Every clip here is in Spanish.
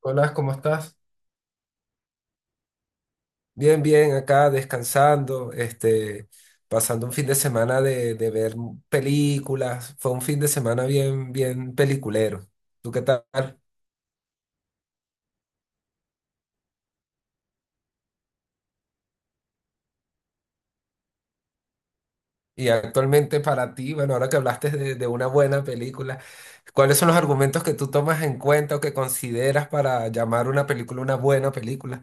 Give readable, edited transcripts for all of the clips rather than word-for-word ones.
Hola, ¿cómo estás? Bien, bien, acá descansando, pasando un fin de semana de ver películas. Fue un fin de semana bien, bien peliculero. ¿Tú qué tal? Y actualmente para ti, bueno, ahora que hablaste de una buena película, ¿cuáles son los argumentos que tú tomas en cuenta o que consideras para llamar una película una buena película?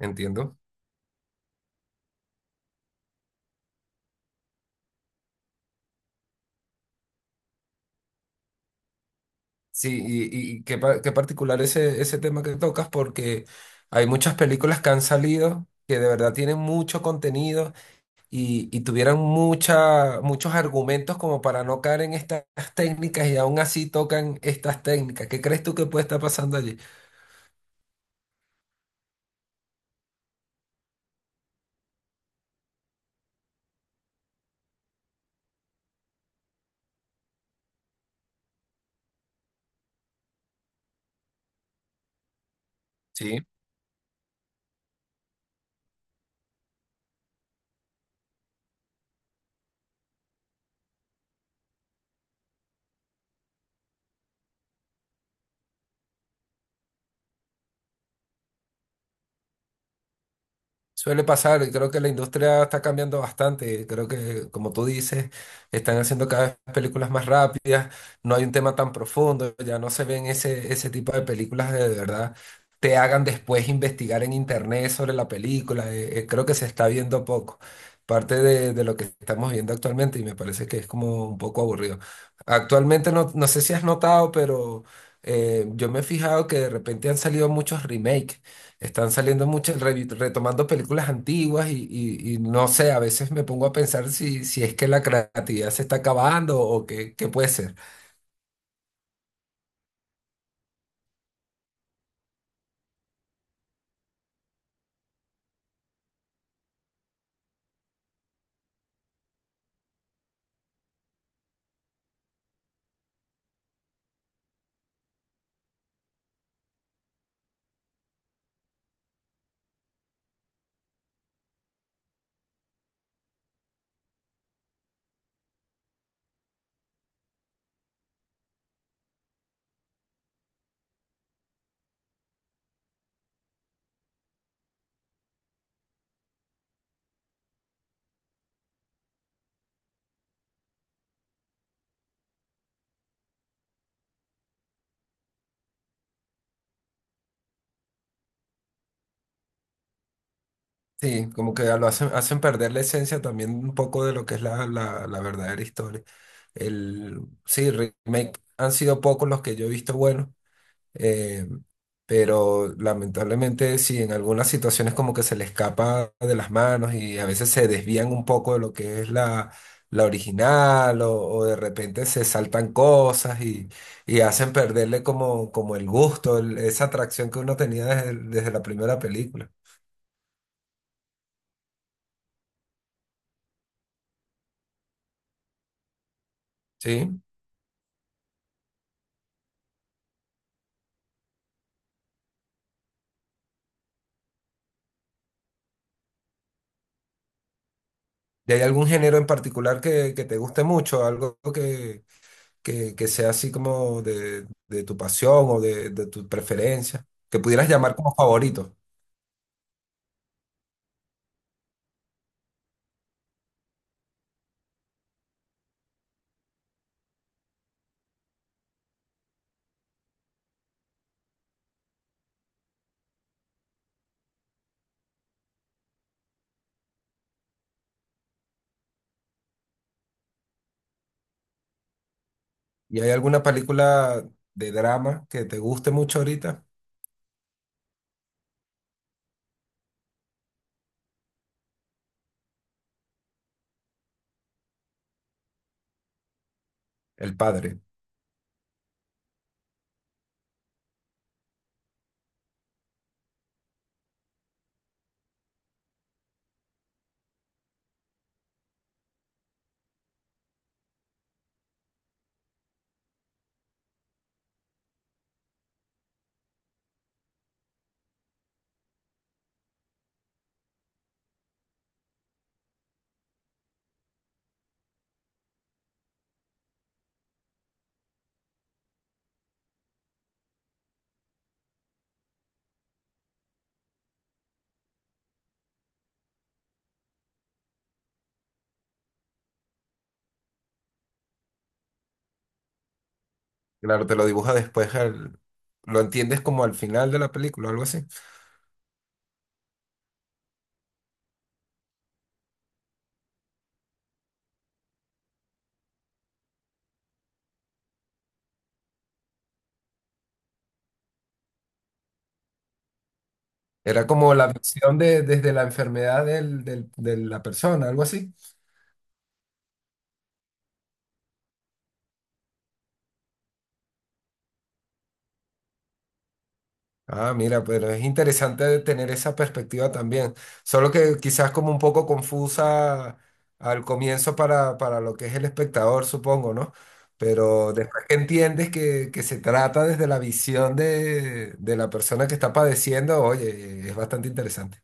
Entiendo. Sí, y qué, qué particular ese, ese tema que tocas, porque hay muchas películas que han salido que de verdad tienen mucho contenido y tuvieran mucha, muchos argumentos como para no caer en estas técnicas y aún así tocan estas técnicas. ¿Qué crees tú que puede estar pasando allí? Sí, suele pasar, y creo que la industria está cambiando bastante. Creo que, como tú dices, están haciendo cada vez películas más rápidas, no hay un tema tan profundo, ya no se ven ese, ese tipo de películas que de verdad te hagan después investigar en internet sobre la película. Creo que se está viendo poco, parte de lo que estamos viendo actualmente y me parece que es como un poco aburrido. Actualmente no, no sé si has notado, pero yo me he fijado que de repente han salido muchos remakes, están saliendo muchas, retomando películas antiguas y, y no sé, a veces me pongo a pensar si, si es que la creatividad se está acabando o qué, qué puede ser. Sí, como que lo hacen, hacen perder la esencia también un poco de lo que es la verdadera historia. El, sí, remake han sido pocos los que yo he visto buenos. Eh, pero lamentablemente sí, en algunas situaciones como que se le escapa de las manos y a veces se desvían un poco de lo que es la, la original o de repente se saltan cosas y hacen perderle como, como el gusto, esa atracción que uno tenía desde, desde la primera película. ¿Sí? ¿Y hay algún género en particular que te guste mucho, algo que sea así como de tu pasión o de tu preferencia, que pudieras llamar como favorito? ¿Y hay alguna película de drama que te guste mucho ahorita? El padre. Claro, te lo dibuja después, lo entiendes como al final de la película, algo así. Era como la visión de, desde la enfermedad del, de la persona, algo así. Ah, mira, pero es interesante tener esa perspectiva también. Solo que quizás como un poco confusa al comienzo para lo que es el espectador, supongo, ¿no? Pero después que entiendes que se trata desde la visión de la persona que está padeciendo, oye, es bastante interesante.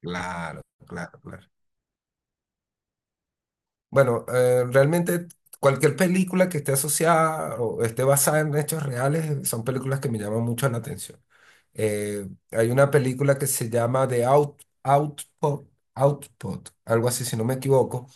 Claro, claro, claro. Bueno, realmente cualquier película que esté asociada o esté basada en hechos reales, son películas que me llaman mucho la atención. Hay una película que se llama The Out, Output, Output, algo así si no me equivoco,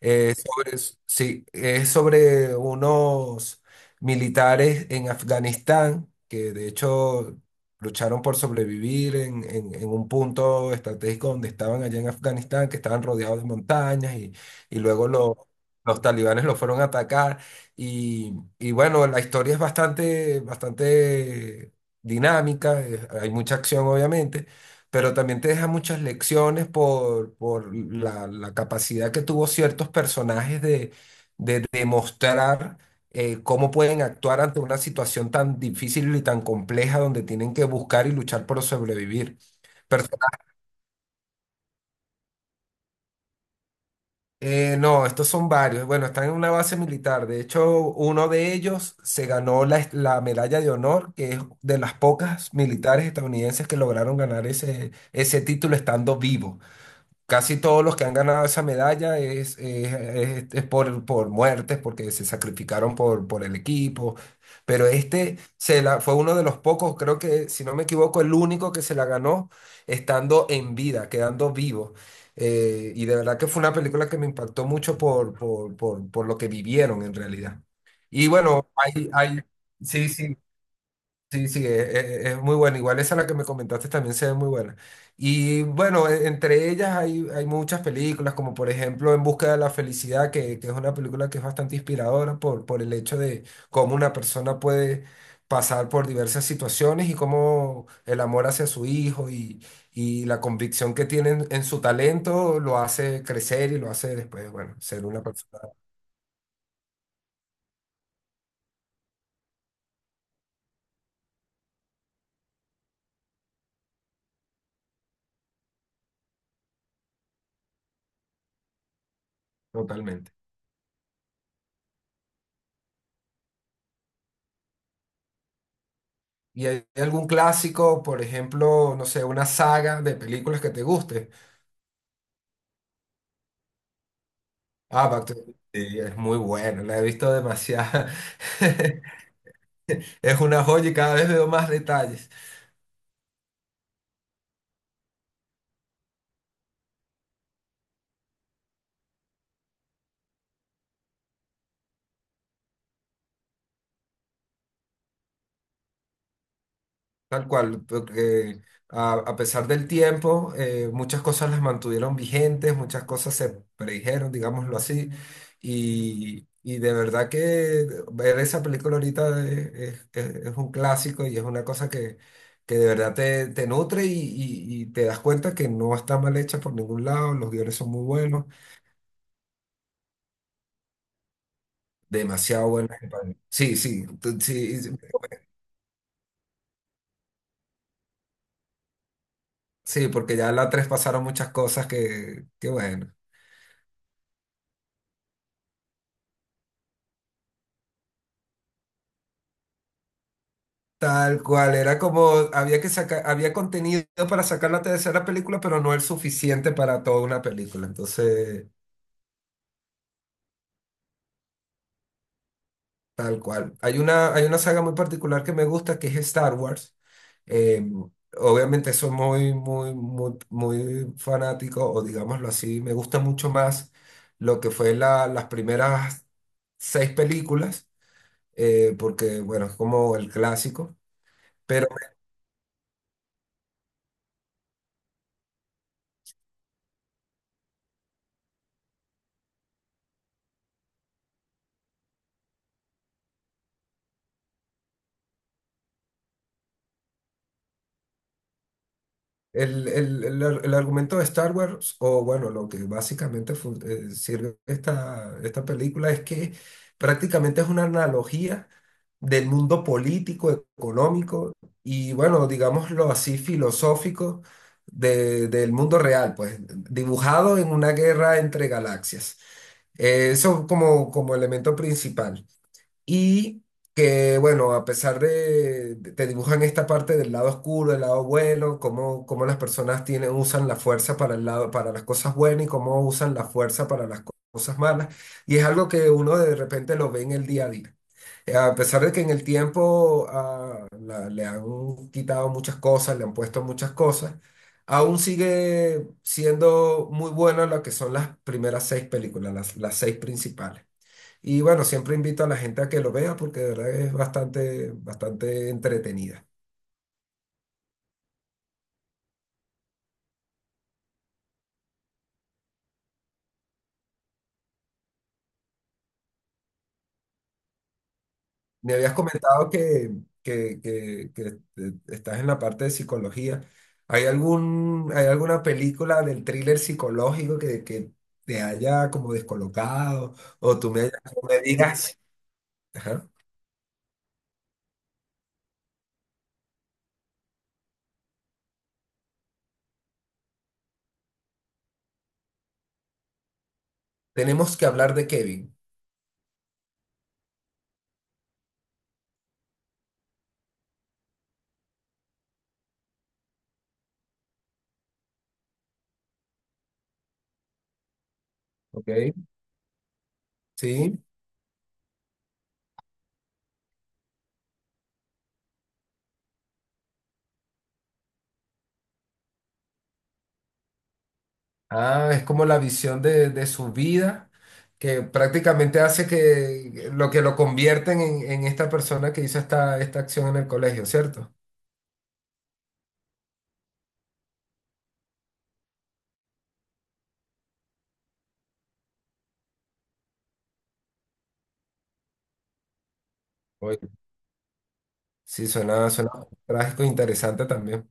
sobre, sí, es sobre unos militares en Afganistán que de hecho lucharon por sobrevivir en, en un punto estratégico donde estaban allá en Afganistán, que estaban rodeados de montañas y luego los talibanes los fueron a atacar. Y, y bueno, la historia es bastante, bastante dinámica, hay mucha acción obviamente, pero también te deja muchas lecciones por la, la capacidad que tuvo ciertos personajes de demostrar, cómo pueden actuar ante una situación tan difícil y tan compleja donde tienen que buscar y luchar por sobrevivir. Personajes- no, estos son varios. Bueno, están en una base militar. De hecho, uno de ellos se ganó la, la medalla de honor, que es de las pocas militares estadounidenses que lograron ganar ese, ese título estando vivo. Casi todos los que han ganado esa medalla es, es por muertes, porque se sacrificaron por el equipo. Pero este se la, fue uno de los pocos, creo que, si no me equivoco, el único que se la ganó estando en vida, quedando vivo. Y de verdad que fue una película que me impactó mucho por lo que vivieron en realidad. Y bueno, hay, sí, sí. Sí, sí, es, es muy buena. Igual esa la que me comentaste también se ve muy buena. Y bueno, entre ellas hay, hay muchas películas, como por ejemplo En Busca de la Felicidad, que es una película que es bastante inspiradora por el hecho de cómo una persona puede pasar por diversas situaciones y cómo el amor hacia su hijo y la convicción que tiene en su talento lo hace crecer y lo hace después, bueno, ser una persona totalmente. ¿Y hay algún clásico, por ejemplo, no sé, una saga de películas que te guste? Ah, Back to the Future sí, es muy bueno, la he visto demasiado. Es una joya y cada vez veo más detalles. Tal cual, porque a pesar del tiempo, muchas cosas las mantuvieron vigentes, muchas cosas se predijeron, digámoslo así, y de verdad que ver esa película ahorita es, es un clásico y es una cosa que de verdad te, te nutre y, y te das cuenta que no está mal hecha por ningún lado, los guiones son muy buenos, demasiado buenos, compadre. Sí, sí, sí, sí, porque ya la tres pasaron muchas cosas que bueno. Tal cual, era como, había que sacar, había contenido para sacar la tercera película, pero no el suficiente para toda una película. Entonces, tal cual. Hay una saga muy particular que me gusta, que es Star Wars. Eh, Obviamente soy muy, muy, muy, muy fanático, o digámoslo así, me gusta mucho más lo que fue las primeras seis películas, porque, bueno, es como el clásico. El, el el argumento de Star Wars, o bueno, lo que básicamente sirve esta, esta película es que prácticamente es una analogía del mundo político, económico y bueno, digámoslo así, filosófico del mundo real, pues dibujado en una guerra entre galaxias. Eso como, como elemento principal. Y que, bueno, a pesar de, te dibujan esta parte del lado oscuro, del lado bueno, cómo, cómo las personas tienen, usan la fuerza para el lado, para las cosas buenas y cómo usan la fuerza para las cosas malas. Y es algo que uno de repente lo ve en el día a día. A pesar de que en el tiempo ah, le han quitado muchas cosas, le han puesto muchas cosas, aún sigue siendo muy buena lo que son las primeras seis películas, las seis principales. Y bueno, siempre invito a la gente a que lo vea porque de verdad es bastante, bastante entretenida. Me habías comentado que, que, estás en la parte de psicología. ¿Hay algún, hay alguna película del thriller psicológico que te haya como descolocado o tú me, me digas, ajá, tenemos que hablar de Kevin? ¿Ok? Sí. Ah, es como la visión de su vida que prácticamente hace que lo convierten en esta persona que hizo esta, esta acción en el colegio, ¿cierto? Oye, sí, suena, suena trágico e interesante también.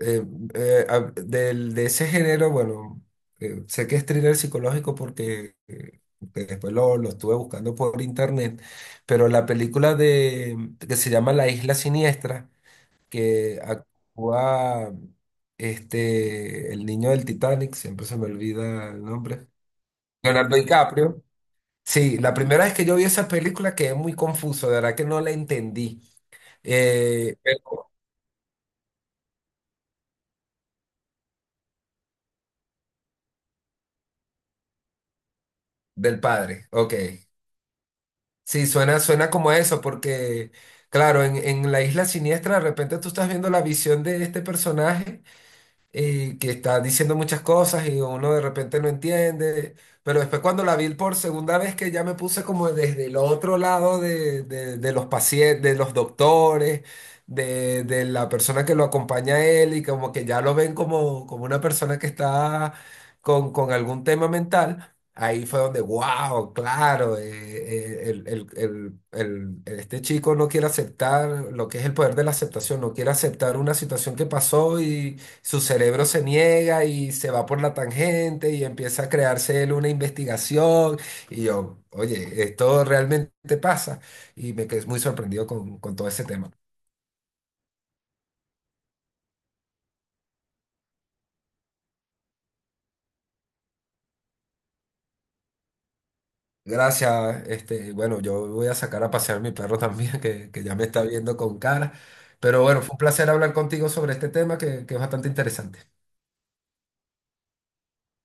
Eh, de ese género, bueno, sé que es thriller psicológico porque que después lo estuve buscando por internet, pero la película de, que se llama La Isla Siniestra, que actúa este, el niño del Titanic, siempre se me olvida el nombre, Leonardo DiCaprio. Sí, la primera vez que yo vi esa película quedé muy confuso, de verdad que no la entendí. Eh, pero- del padre, ok. Sí, suena, suena como eso, porque claro, en La Isla Siniestra de repente tú estás viendo la visión de este personaje, y que está diciendo muchas cosas y uno de repente no entiende, pero después cuando la vi por segunda vez que ya me puse como desde el otro lado de, de los pacientes, de los doctores, de la persona que lo acompaña a él y como que ya lo ven como, como una persona que está con algún tema mental. Ahí fue donde, wow, claro, el- este chico no quiere aceptar lo que es el poder de la aceptación, no quiere aceptar una situación que pasó, su cerebro se niega y se va por la tangente y empieza a crearse él una investigación. Y yo, oye, esto realmente pasa. Y me quedé muy sorprendido con todo ese tema. Gracias, bueno, yo voy a sacar a pasear mi perro también, que ya me está viendo con cara. Pero bueno, fue un placer hablar contigo sobre este tema que es bastante interesante.